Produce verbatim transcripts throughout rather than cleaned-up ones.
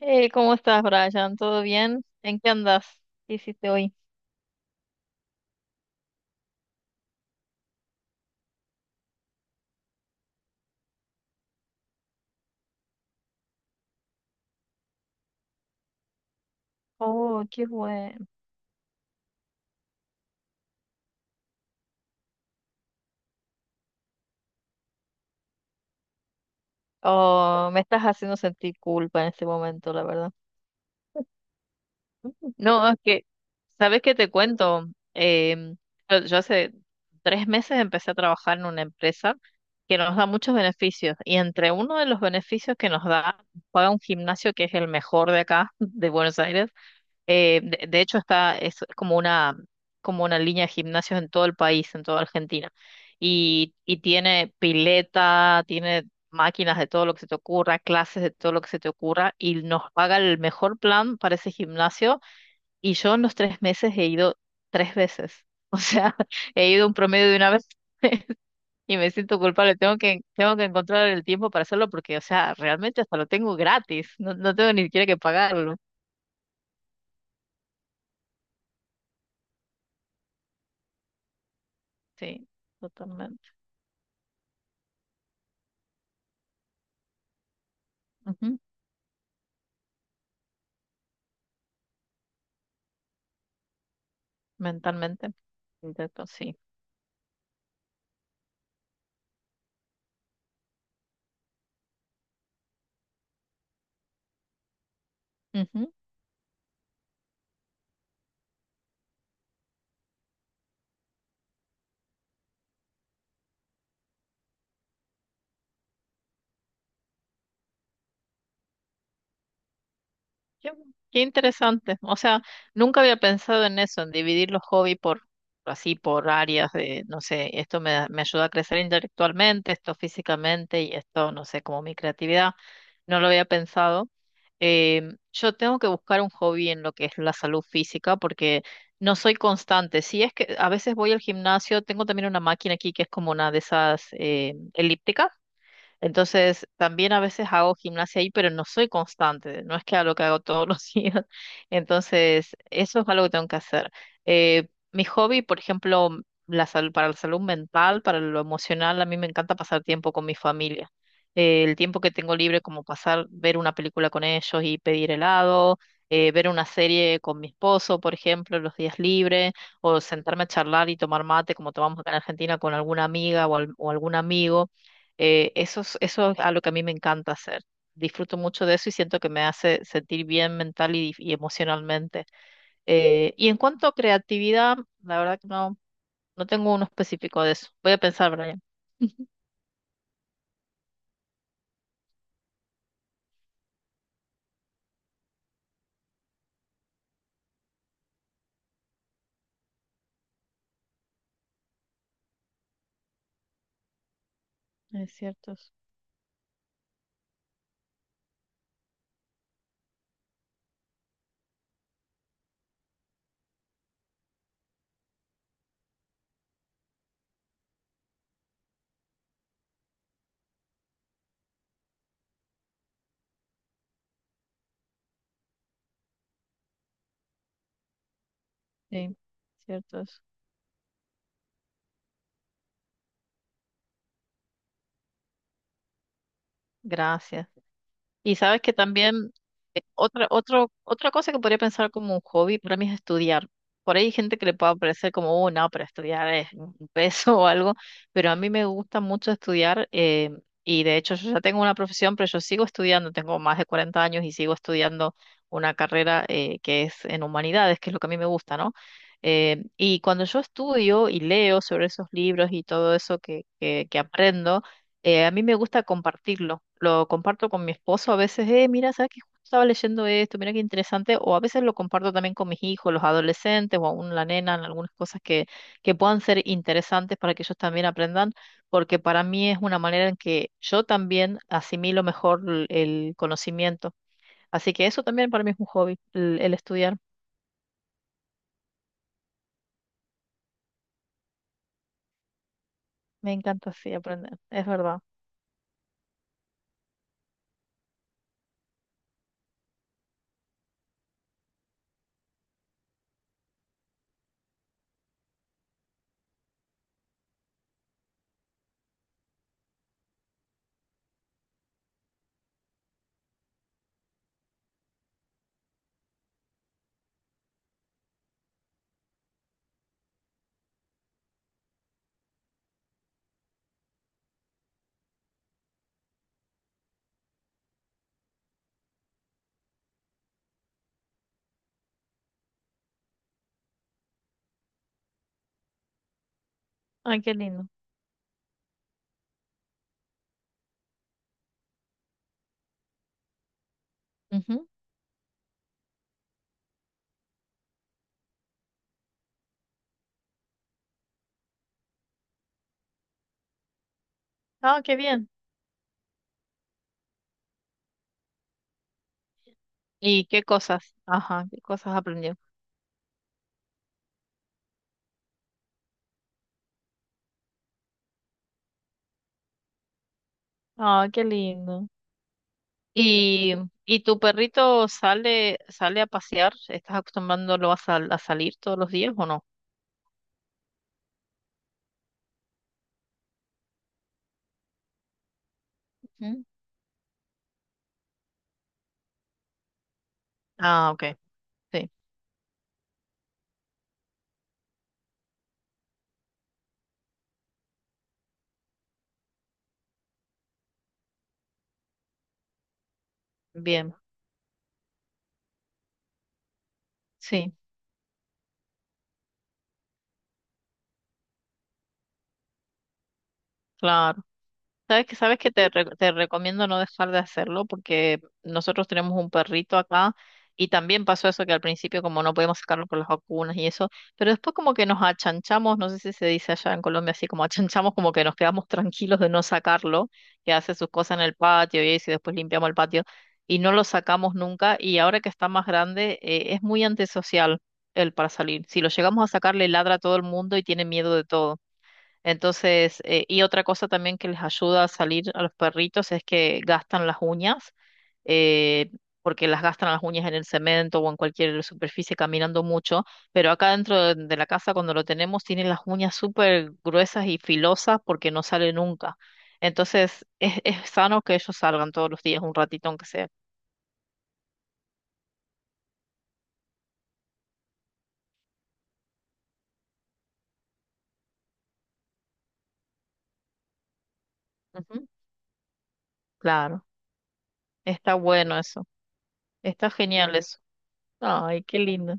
Hey, ¿cómo estás, Brian? ¿Todo bien? ¿En qué andas? ¿Qué hiciste hoy? Oh, qué bueno. Oh, me estás haciendo sentir culpa en este momento, la verdad. No, es que, ¿sabes qué te cuento? Em, yo, yo hace tres meses empecé a trabajar en una empresa que nos da muchos beneficios, y entre uno de los beneficios que nos da, paga un gimnasio que es el mejor de acá, de Buenos Aires. Eh, de, de hecho, está, es como una, como una línea de gimnasios en todo el país, en toda Argentina. Y, y tiene pileta, tiene máquinas de todo lo que se te ocurra, clases de todo lo que se te ocurra, y nos paga el mejor plan para ese gimnasio. Y yo en los tres meses he ido tres veces. O sea, he ido un promedio de una vez y me siento culpable. Tengo que, tengo que encontrar el tiempo para hacerlo porque, o sea, realmente hasta lo tengo gratis. No, no tengo ni siquiera que pagarlo. Sí, totalmente. Mentalmente. Intento, sí. Ujú. Yo- Qué interesante. O sea, nunca había pensado en eso, en dividir los hobbies por así, por áreas de, no sé, esto me, da- me ayuda a crecer intelectualmente, esto físicamente y esto, no sé, como mi creatividad. No lo había pensado. Em, yo tengo que buscar un hobby en lo que es la salud física porque no soy constante. Si es que a veces voy al gimnasio, tengo también una máquina aquí que es como una de esas eh, elípticas. Entonces, también a veces hago gimnasia ahí, pero no soy constante, no es que hago lo que hago todos los días. Entonces, eso es algo que tengo que hacer. Eh, mi hobby, por ejemplo, la salud, para la salud mental, para lo emocional, a mí me encanta pasar tiempo con mi familia. Eh, el tiempo que tengo libre, como pasar, ver una película con ellos y pedir helado, eh, ver una serie con mi esposo, por ejemplo, los días libres, o sentarme a charlar y tomar mate, como tomamos acá en Argentina, con alguna amiga o al- o algún amigo, eh, eso es, eso es, algo que a mí me encanta hacer. Disfruto mucho de eso y siento que me hace sentir bien mental y, y emocionalmente. Eh, y en cuanto a creatividad, la verdad que no, no tengo uno específico de eso. Voy a pensar, Brian. Es cierto, eso. Sí, cierto. Eso. Gracias. Y sabes que también, eh, otra, otro, otra cosa que podría pensar como un hobby para mí es estudiar. Por ahí hay gente que le puede parecer como, oh, no, pero estudiar es un peso o algo, pero a mí me gusta mucho estudiar, eh, y de hecho yo ya tengo una profesión, pero yo sigo estudiando, tengo más de cuarenta años y sigo estudiando una carrera, eh, que es en humanidades, que es lo que a mí me gusta, ¿no? Eh, y cuando yo estudio y leo sobre esos libros y todo eso que, que, que, aprendo, eh, a mí me gusta compartirlo. Lo comparto con mi esposo a veces, eh, mira, ¿sabes que justo estaba leyendo esto? Mira qué interesante. O a veces lo comparto también con mis hijos, los adolescentes o aún la nena, en algunas cosas que, que, puedan ser interesantes para que ellos también aprendan, porque para mí es una manera en que yo también asimilo mejor l- el conocimiento. Así que eso también para mí es un hobby, el, el, estudiar. Me encanta así aprender, es verdad. Ay, qué lindo. Ujú. Ah, qué bien. ¿Y qué cosas? Ajá, ¿qué cosas aprendió? Ah, qué lindo. Y, y tu perrito sale, sale, a pasear, ¿estás acostumbrándolo a, sal- a salir todos los días o no? Ujú. Ah, ok, sí, bien, sí, claro. Sabes que sabes que te, re- te recomiendo no dejar de hacerlo porque nosotros tenemos un perrito acá y también pasó eso que al principio como no podíamos sacarlo por las vacunas y eso, pero después como que nos achanchamos, no sé si se dice allá en Colombia así, como achanchamos, como que nos quedamos tranquilos de no sacarlo, que hace sus cosas en el patio y eso, y después limpiamos el patio y no lo sacamos nunca. Y ahora que está más grande, eh, es muy antisocial él para salir. Si lo llegamos a sacar, le ladra a todo el mundo y tiene miedo de todo. Entonces, eh, y otra cosa también que les ayuda a salir a los perritos es que gastan las uñas, eh, porque las gastan las uñas en el cemento o en cualquier superficie caminando mucho, pero acá dentro de, de la casa cuando lo tenemos tienen las uñas súper gruesas y filosas porque no sale nunca. Entonces, es, es sano que ellos salgan todos los días, un ratito aunque sea. Ujú. Claro, está bueno eso, está genial eso. Ay, qué lindo.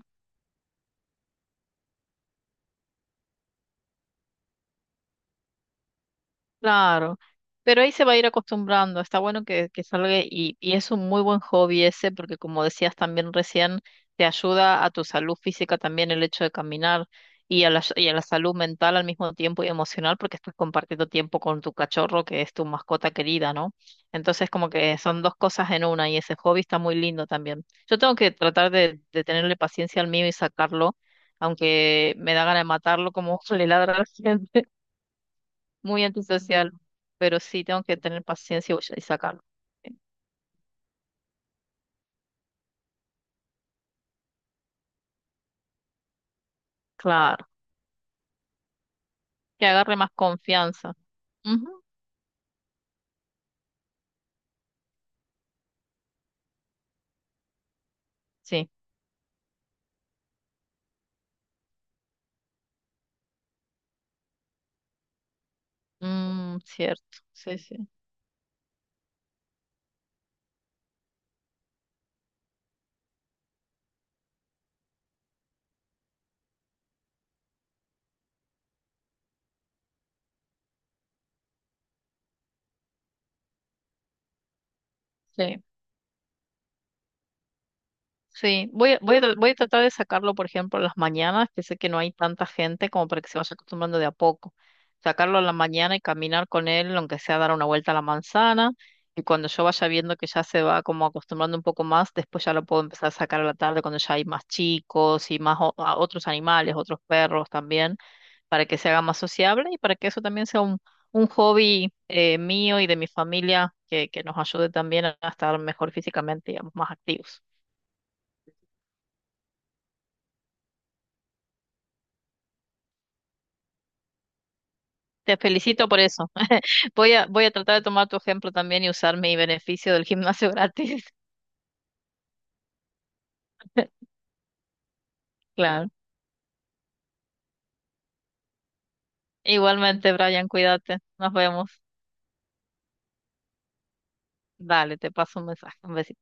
Claro, pero ahí se va a ir acostumbrando. Está bueno que, que, salga, y, y es un muy buen hobby ese porque como decías también recién, te ayuda a tu salud física también el hecho de caminar, y a la, y a la salud mental al mismo tiempo y emocional, porque estás compartiendo tiempo con tu cachorro que es tu mascota querida, ¿no? Entonces como que son dos cosas en una, y ese hobby está muy lindo también. Yo tengo que tratar de, de, tenerle paciencia al mío y sacarlo, aunque me da ganas de matarlo como le ladra a la gente, muy antisocial, pero sí tengo que tener paciencia y y sacarlo. Sí. Claro, que agarre más confianza. Ujú. Sí. Mm, cierto. Sí, sí, sí. Sí, voy a, voy a, tra- voy a tratar de sacarlo, por ejemplo, en las mañanas, que sé que no hay tanta gente como para que se vaya acostumbrando de a poco. Sacarlo en la mañana y caminar con él, aunque sea dar una vuelta a la manzana, y cuando yo vaya viendo que ya se va como acostumbrando un poco más, después ya lo puedo empezar a sacar a la tarde cuando ya hay más chicos y más o- a otros animales, otros perros también, para que se haga más sociable y para que eso también sea un, un, hobby, eh, mío y de mi familia, que, que, nos ayude también a a estar mejor físicamente, digamos, más activos. Te felicito por eso. Voy a, voy a tratar de tomar tu ejemplo también y usar mi beneficio del gimnasio gratis. Claro. Igualmente, Brian, cuídate. Nos vemos. Dale, te paso un mensaje. Un besito.